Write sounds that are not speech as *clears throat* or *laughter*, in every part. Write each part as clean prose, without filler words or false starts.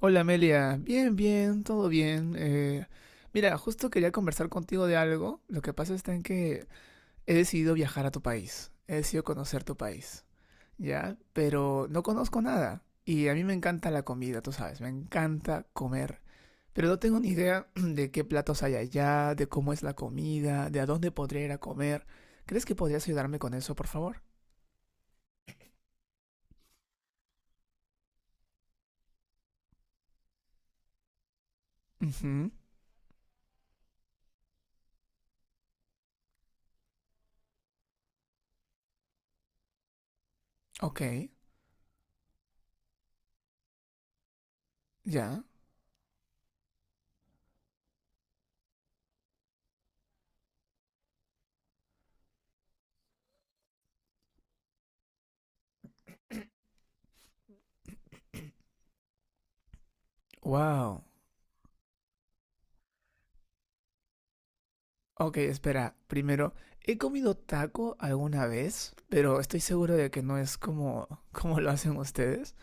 Hola Amelia, bien, bien, todo bien. Mira, justo quería conversar contigo de algo. Lo que pasa está en que he decidido viajar a tu país, he decidido conocer tu país, ¿ya? Pero no conozco nada y a mí me encanta la comida, tú sabes, me encanta comer. Pero no tengo ni idea *clears throat* de qué platos hay allá, de cómo es la comida, de a dónde podría ir a comer. ¿Crees que podrías ayudarme con eso, por favor? Ujú. Ok, ya. Wow. Ok, espera. Primero, he comido taco alguna vez, pero estoy seguro de que no es como, *laughs* como lo hacen ustedes,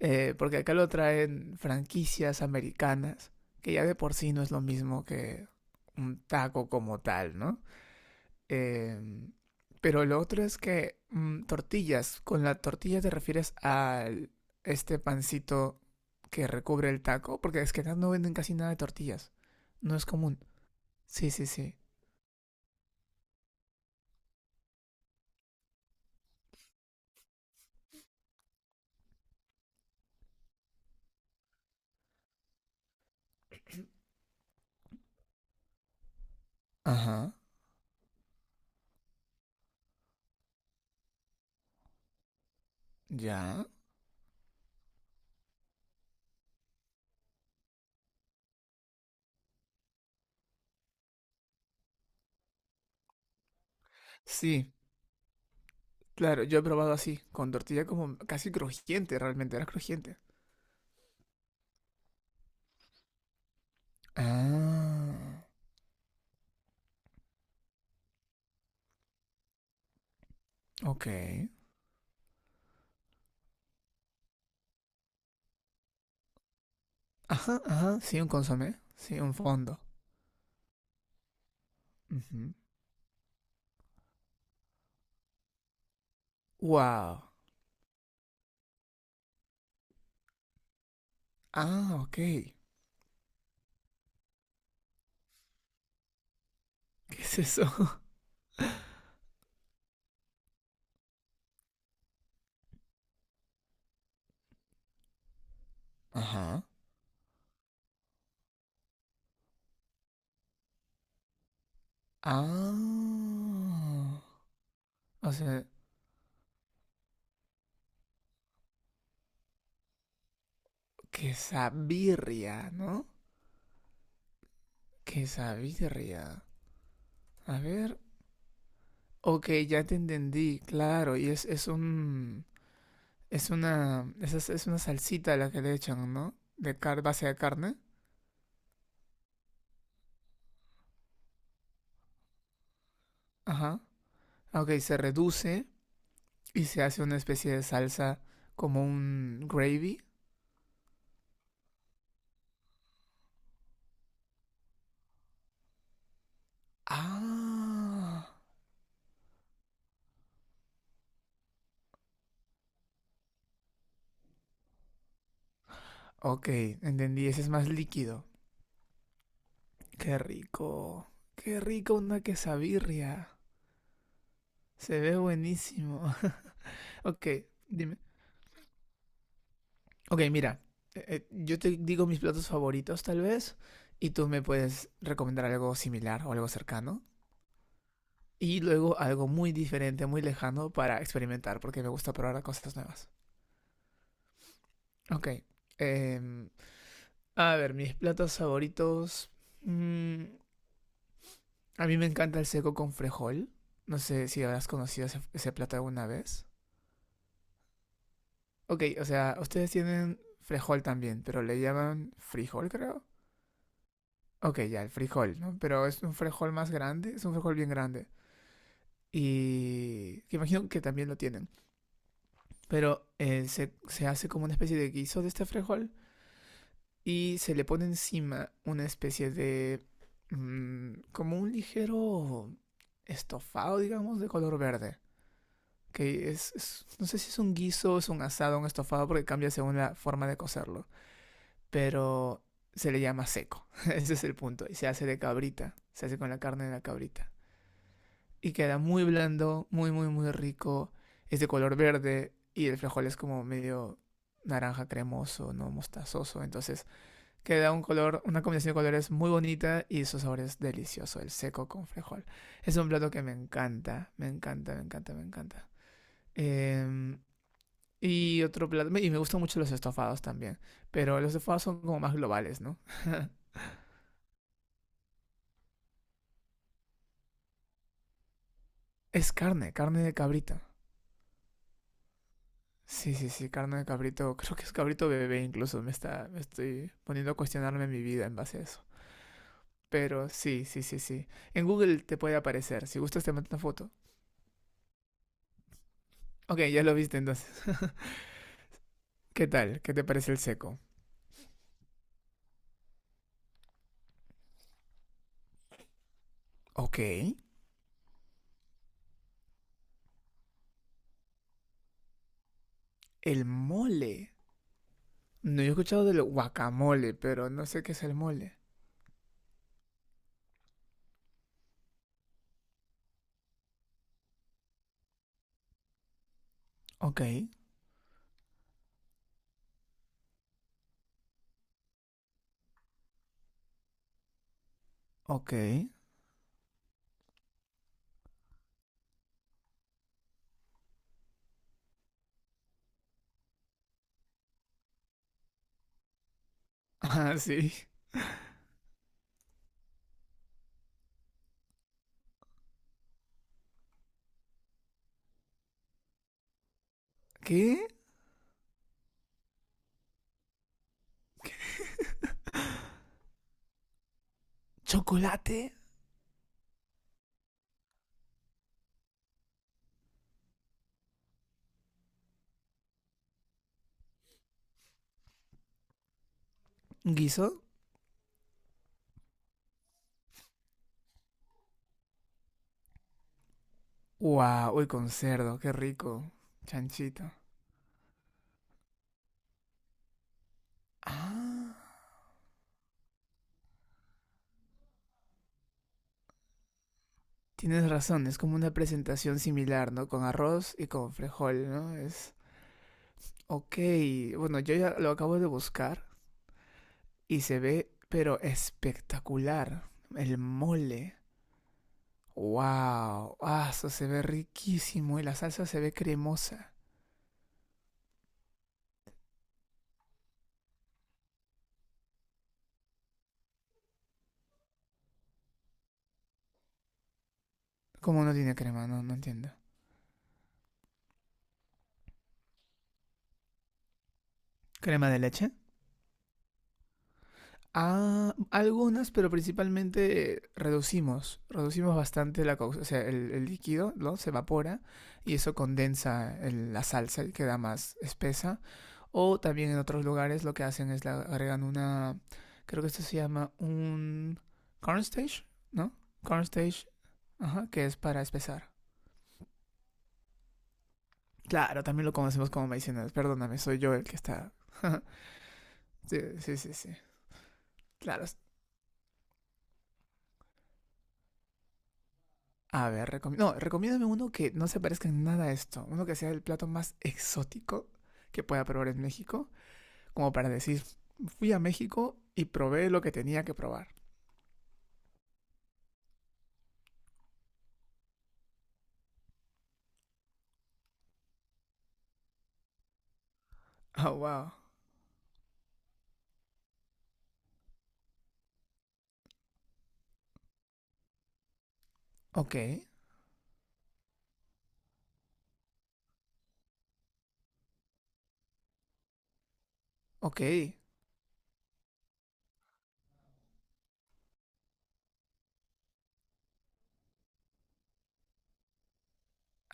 porque acá lo traen franquicias americanas, que ya de por sí no es lo mismo que un taco como tal, ¿no? Eh, pero lo otro es que tortillas, con la tortilla te refieres a este pancito que recubre el taco, porque es que acá no venden casi nada de tortillas, no es común. Sí, sí, sí. Ajá, ya. Sí, claro, yo he probado así, con tortilla como casi crujiente, realmente era crujiente. Ah, ok. Ajá, ajá, sí, un consomé, sí, un fondo. Ujú. Wow. Ah, ok. ¿Qué es eso? *laughs* Ajá. Ah, o sea, quesabirria, ¿no? Quesabirria. A ver, ok, ya te entendí, claro, y. Es una, es una salsita la que le echan, ¿no? De car base de carne. Ajá. Ah, ok, se reduce y se hace una especie de salsa como un gravy. Ah, ok, entendí. Ese es más líquido. Qué rico. Qué rico una quesabirria. Se ve buenísimo. *laughs* Ok, dime. Ok, mira. Yo te digo mis platos favoritos, tal vez. Y tú me puedes recomendar algo similar o algo cercano. Y luego algo muy diferente, muy lejano para experimentar, porque me gusta probar cosas nuevas. Ok. eh, a ver, mis platos favoritos. mm, a mí me encanta el seco con frejol. No sé si habrás conocido ese, ese plato alguna vez. Ok, o sea, ustedes tienen frejol también, pero le llaman frijol, creo. Ok, ya, el frijol, ¿no? Pero es un frijol más grande, es un frijol bien grande. Y que imagino que también lo tienen. Pero se hace como una especie de guiso de este frijol y se le pone encima una especie de… como un ligero estofado, digamos, de color verde. No sé si es un guiso, es un asado, un estofado, porque cambia según la forma de cocerlo. Pero se le llama seco. *laughs* Ese es el punto. Y se hace de cabrita. Se hace con la carne de la cabrita. Y queda muy blando, muy, muy, muy rico. Es de color verde y el frijol es como medio naranja cremoso, no mostazoso. Entonces que da un color, una combinación de colores muy bonita y su sabor es delicioso, el seco con frijol. Es un plato que me encanta, me encanta, me encanta, me encanta. Eh, y otro plato, y me gustan mucho los estofados también, pero los estofados son como más globales, ¿no? *laughs* Es carne, carne de cabrito. Sí, sí, sí, carne de cabrito, creo que es cabrito bebé incluso, me estoy poniendo a cuestionarme mi vida en base a eso. Pero sí, sí, sí, sí. En Google te puede aparecer, si gustas te mando una foto. Ok, ya lo viste entonces. ¿Qué tal? ¿Qué te parece el seco? Ok. El mole. No, yo he escuchado del guacamole, pero no sé qué es el mole. Ok, ok. *laughs* Ah, sí. ¿Qué? ¿Chocolate? ¿Guiso? Wow, uy, con cerdo, qué rico. Chanchito. Ah, tienes razón, es como una presentación similar, ¿no? Con arroz y con frijol, ¿no? Es… ok, bueno, yo ya lo acabo de buscar y se ve, pero espectacular. El mole. Wow, ah, eso se ve riquísimo y la salsa se ve cremosa. ¿Cómo no tiene crema? No, no entiendo. ¿Crema de leche? Ah, algunas, pero principalmente reducimos, reducimos bastante la causa, o sea, el líquido, ¿no? Se evapora y eso condensa la salsa y queda más espesa. O también en otros lugares lo que hacen es le agregan una, creo que esto se llama un cornstarch, ¿no? Cornstarch, ajá, que es para espesar. Claro, también lo conocemos como Maicenas. Perdóname, soy yo el que está. *laughs* Sí, sí, sí, sí. Claro. A ver, no, recomiéndame uno que no se parezca en nada a esto. Uno que sea el plato más exótico que pueda probar en México. Como para decir, fui a México y probé lo que tenía que probar. *laughs* Oh, wow. Ok, ok.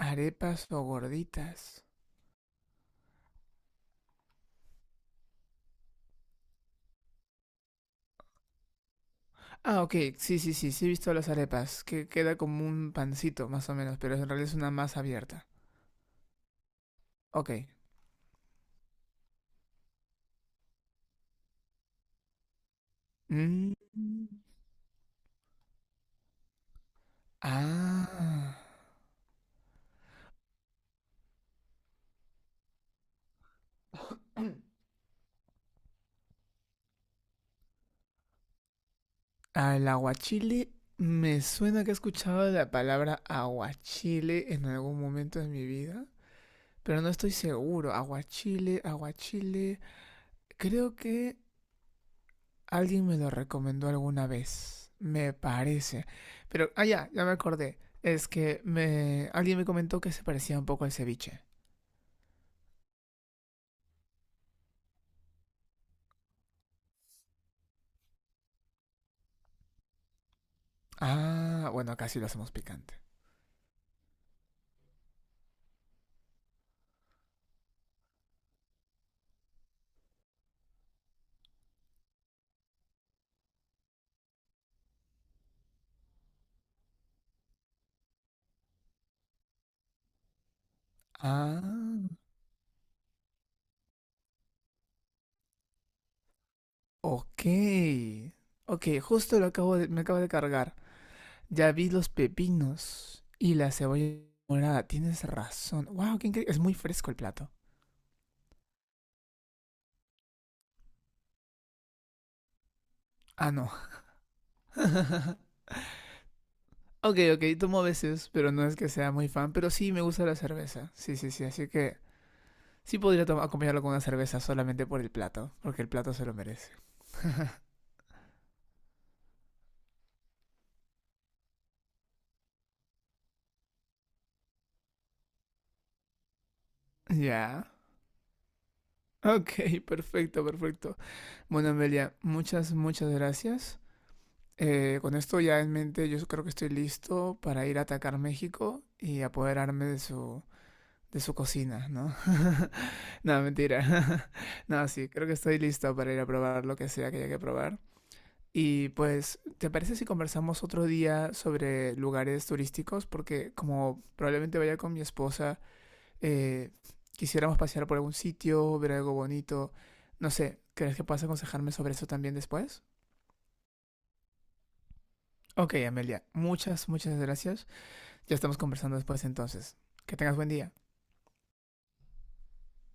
Arepas o gorditas. Ah, ok, sí, sí, sí, sí he visto las arepas, que queda como un pancito más o menos, pero en realidad es una masa abierta. Ok. Mm. Ah, al aguachile me suena que he escuchado la palabra aguachile en algún momento de mi vida, pero no estoy seguro. Aguachile, aguachile. Creo que alguien me lo recomendó alguna vez, me parece. Pero, ah, ya, ya me acordé. Alguien me comentó que se parecía un poco al ceviche. Ah, bueno, acá sí lo hacemos picante. Ah, ok. Ok, justo lo acabo de, me acabo de cargar. Ya vi los pepinos y la cebolla morada. Tienes razón. Wow, qué increíble. Es muy fresco el plato. Ah, no. *laughs* Ok, ok, tomo a veces, pero no es que sea muy fan. Pero sí me gusta la cerveza. Sí, sí, sí. Así que sí podría tomar acompañarlo con una cerveza solamente por el plato. Porque el plato se lo merece. Ya. *laughs* Yeah. Ok, perfecto, perfecto. Bueno, Amelia, muchas, muchas gracias. Con esto ya en mente, yo creo que estoy listo para ir a atacar México y apoderarme de su cocina, ¿no? *laughs* No, mentira. *laughs* No, sí, creo que estoy listo para ir a probar lo que sea que haya que probar. Y pues, ¿te parece si conversamos otro día sobre lugares turísticos? Porque como probablemente vaya con mi esposa, eh, quisiéramos pasear por algún sitio, ver algo bonito. No sé, ¿crees que puedas aconsejarme sobre eso también después? Ok, Amelia, muchas, muchas gracias. Ya estamos conversando después entonces. Que tengas buen día.